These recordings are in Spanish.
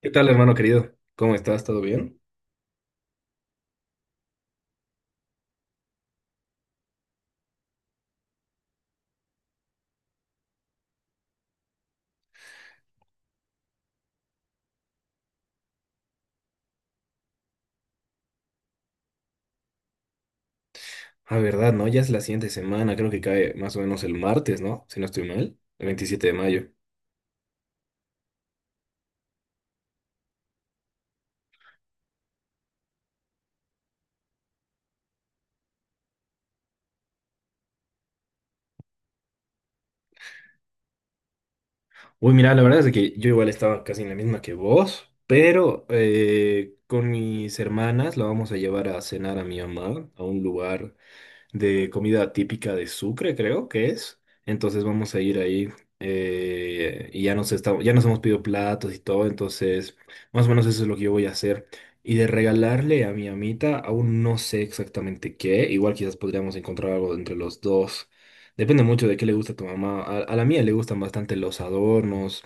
¿Qué tal, hermano querido? ¿Cómo estás? ¿Todo bien? Ah, verdad, ¿no? Ya es la siguiente semana, creo que cae más o menos el martes, ¿no? Si no estoy mal, el 27 de mayo. Uy, mira, la verdad es de que yo igual estaba casi en la misma que vos, pero con mis hermanas la vamos a llevar a cenar a mi mamá a un lugar de comida típica de Sucre, creo que es. Entonces vamos a ir ahí y ya nos hemos pedido platos y todo, entonces más o menos eso es lo que yo voy a hacer. Y de regalarle a mi amita, aún no sé exactamente qué, igual quizás podríamos encontrar algo entre los dos. Depende mucho de qué le gusta a tu mamá. A la mía le gustan bastante los adornos,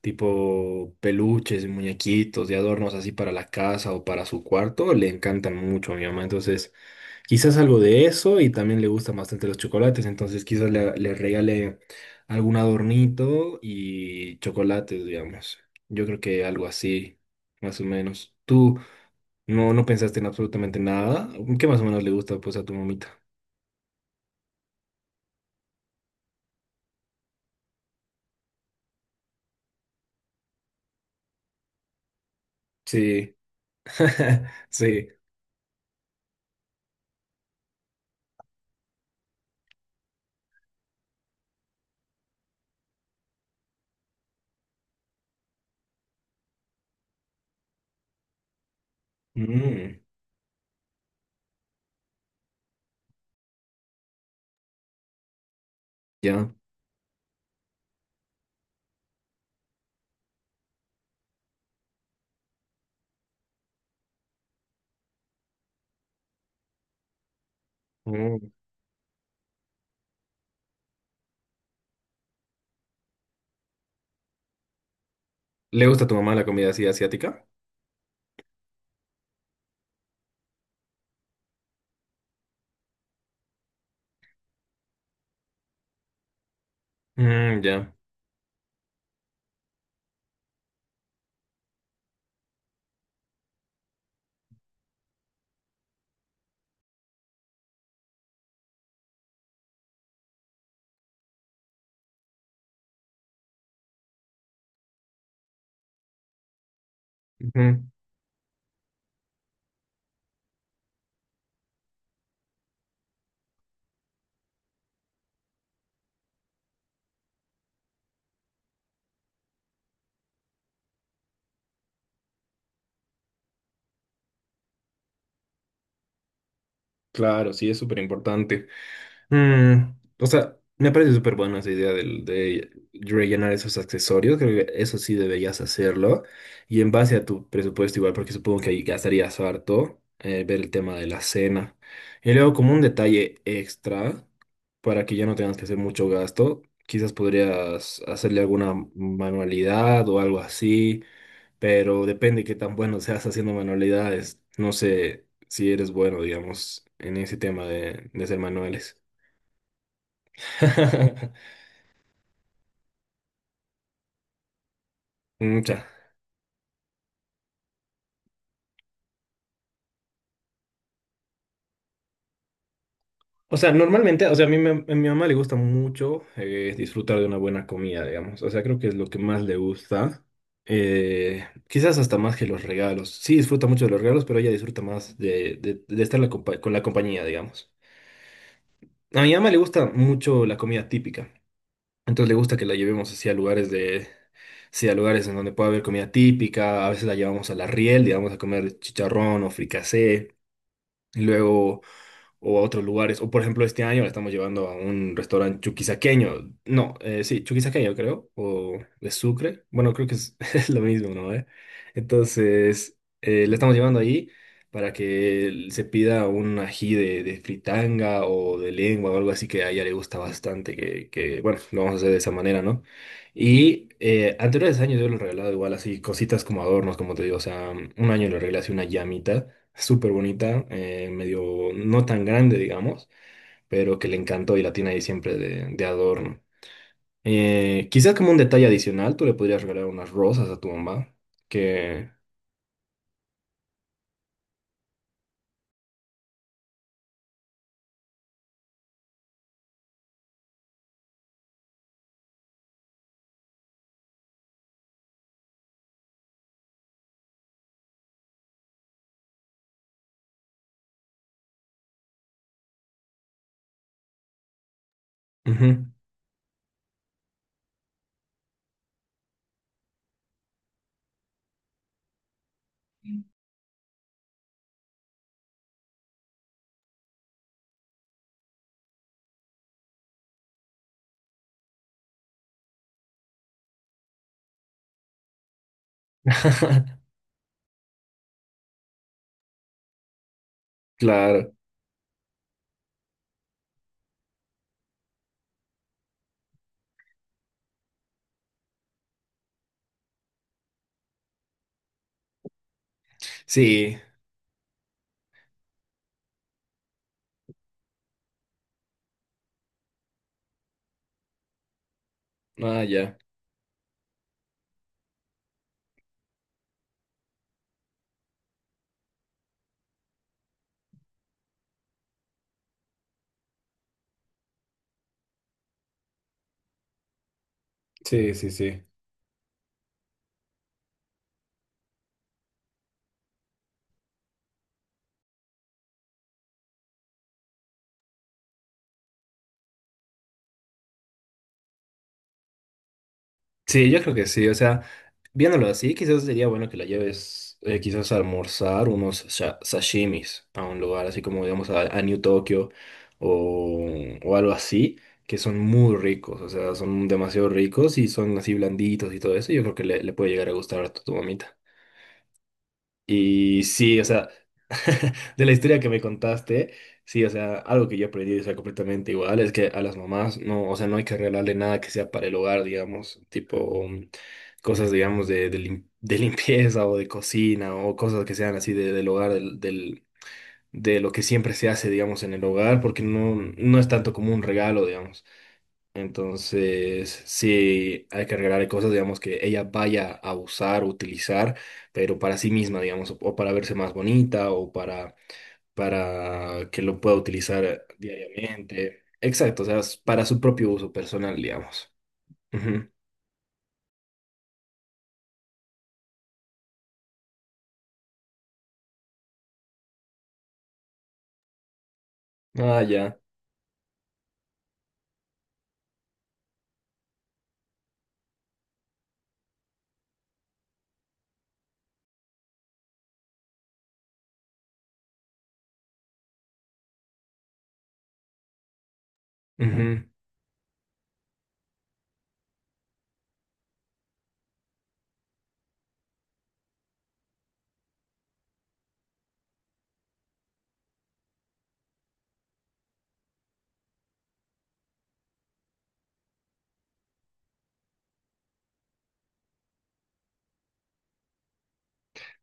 tipo peluches y muñequitos de adornos así para la casa o para su cuarto. Le encantan mucho a mi mamá, entonces. Quizás algo de eso y también le gustan bastante los chocolates, entonces quizás le regale algún adornito y chocolates, digamos. Yo creo que algo así, más o menos. ¿Tú no pensaste en absolutamente nada? ¿Qué más o menos le gusta pues a tu mamita? Sí, sí. Mm, ya. Mm. ¿Le gusta a tu mamá la comida así asiática? Mm, ya. Ujú. Claro, sí, es súper importante. Mm, o sea, me parece súper buena esa idea de rellenar esos accesorios. Creo que eso sí deberías hacerlo. Y en base a tu presupuesto igual, porque supongo que ahí gastarías harto, ver el tema de la cena. Y luego como un detalle extra, para que ya no tengas que hacer mucho gasto, quizás podrías hacerle alguna manualidad o algo así, pero depende qué tan bueno seas haciendo manualidades. No sé si eres bueno, digamos, en ese tema de hacer manuales. Mm, ya. O sea, normalmente, o sea, a mi mamá le gusta mucho disfrutar de una buena comida, digamos. O sea, creo que es lo que más le gusta. Quizás hasta más que los regalos. Sí, disfruta mucho de los regalos, pero ella disfruta más de estar con la compañía, digamos. A mi mamá le gusta mucho la comida típica. Entonces le gusta que la llevemos hacia lugares de, sí, a lugares en donde pueda haber comida típica. A veces la llevamos a la Riel, digamos, a comer chicharrón o fricasé. Luego o a otros lugares. O por ejemplo, este año la estamos llevando a un restaurante chuquisaqueño. No, sí, chuquisaqueño creo, o de Sucre. Bueno, creo que es, es lo mismo, ¿no? ¿eh? Entonces, la estamos llevando ahí para que se pida un ají de fritanga o de lengua o algo así que a ella le gusta bastante, que bueno, lo vamos a hacer de esa manera, ¿no? Y anteriores años yo le he regalado igual así cositas como adornos, como te digo, o sea, un año le regalé así una llamita súper bonita, medio no tan grande, digamos, pero que le encantó y la tiene ahí siempre de adorno. Quizás como un detalle adicional, tú le podrías regalar unas rosas a tu mamá, que. Ujú. Claro, sí, ah, ya. Sí, sí, sí. Sí, yo creo que sí, o sea, viéndolo así, quizás sería bueno que la lleves quizás a almorzar unos sashimis a un lugar así como digamos a New Tokyo o, o algo así, que son muy ricos, o sea, son demasiado ricos y son así blanditos y todo eso, yo creo que le puede llegar a gustar a tu mamita. Y sí, o sea, de la historia que me contaste, sí, o sea, algo que yo aprendí, o sea, completamente igual, es que a las mamás no, o sea, no hay que regalarle nada que sea para el hogar, digamos, tipo mm, cosas, digamos, de limpieza o de cocina o cosas que sean así del hogar, de lo que siempre se hace, digamos, en el hogar, porque no, no es tanto como un regalo, digamos. Entonces, sí, hay que regalarle cosas, digamos, que ella vaya a usar, utilizar, pero para sí misma, digamos, o para verse más bonita o para que lo pueda utilizar diariamente. Exacto, o sea, es para su propio uso personal, digamos. Ujú. Ah, ya. Ujú.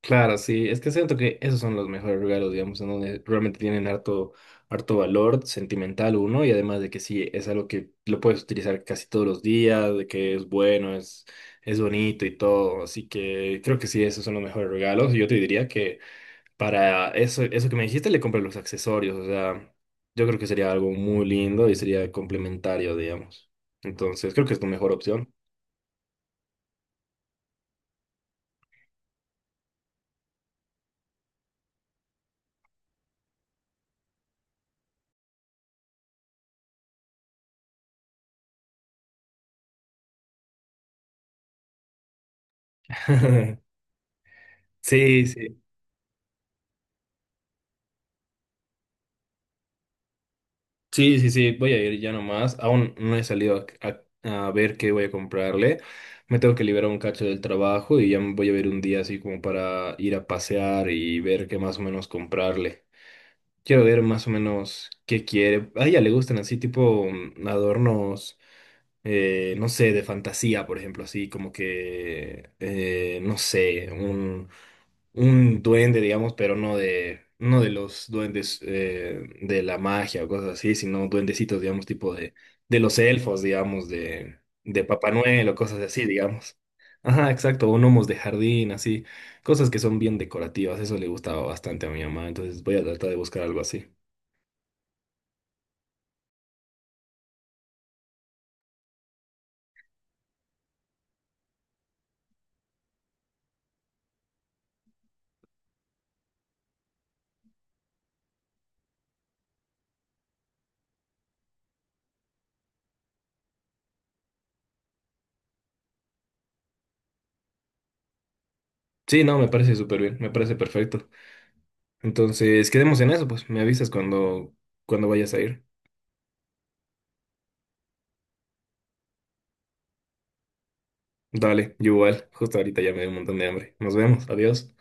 Claro, sí, es que siento que esos son los mejores regalos, digamos, en donde realmente tienen harto, harto valor sentimental uno, y además de que sí, es algo que lo puedes utilizar casi todos los días, de que es bueno, es bonito y todo, así que creo que sí, esos son los mejores regalos, y yo te diría que para eso, eso que me dijiste, le compras los accesorios, o sea, yo creo que sería algo muy lindo y sería complementario, digamos, entonces creo que es tu mejor opción. Sí, sí, sí, sí, sí, voy a ir ya nomás. Aún no he salido a, a ver qué voy a comprarle. Me tengo que liberar un cacho del trabajo y ya me voy a ver un día así como para ir a pasear y ver qué más o menos comprarle. Quiero ver más o menos qué quiere. A ella le gustan así tipo mm, adornos, no sé, de fantasía, por ejemplo, así como que, no sé, un duende, digamos, pero no de los duendes de la magia o cosas así, sino duendecitos, digamos, tipo de los elfos, digamos, de Papá Noel o cosas así, digamos. Ajá, exacto, o gnomos de jardín, así, cosas que son bien decorativas, eso le gustaba bastante a mi mamá, entonces voy a tratar de buscar algo así. Sí, no, me parece súper bien, me parece perfecto. Entonces, quedemos en eso, pues, me avisas cuando, cuando vayas a ir. Dale, yo igual, justo ahorita ya me dio un montón de hambre. Nos vemos, adiós.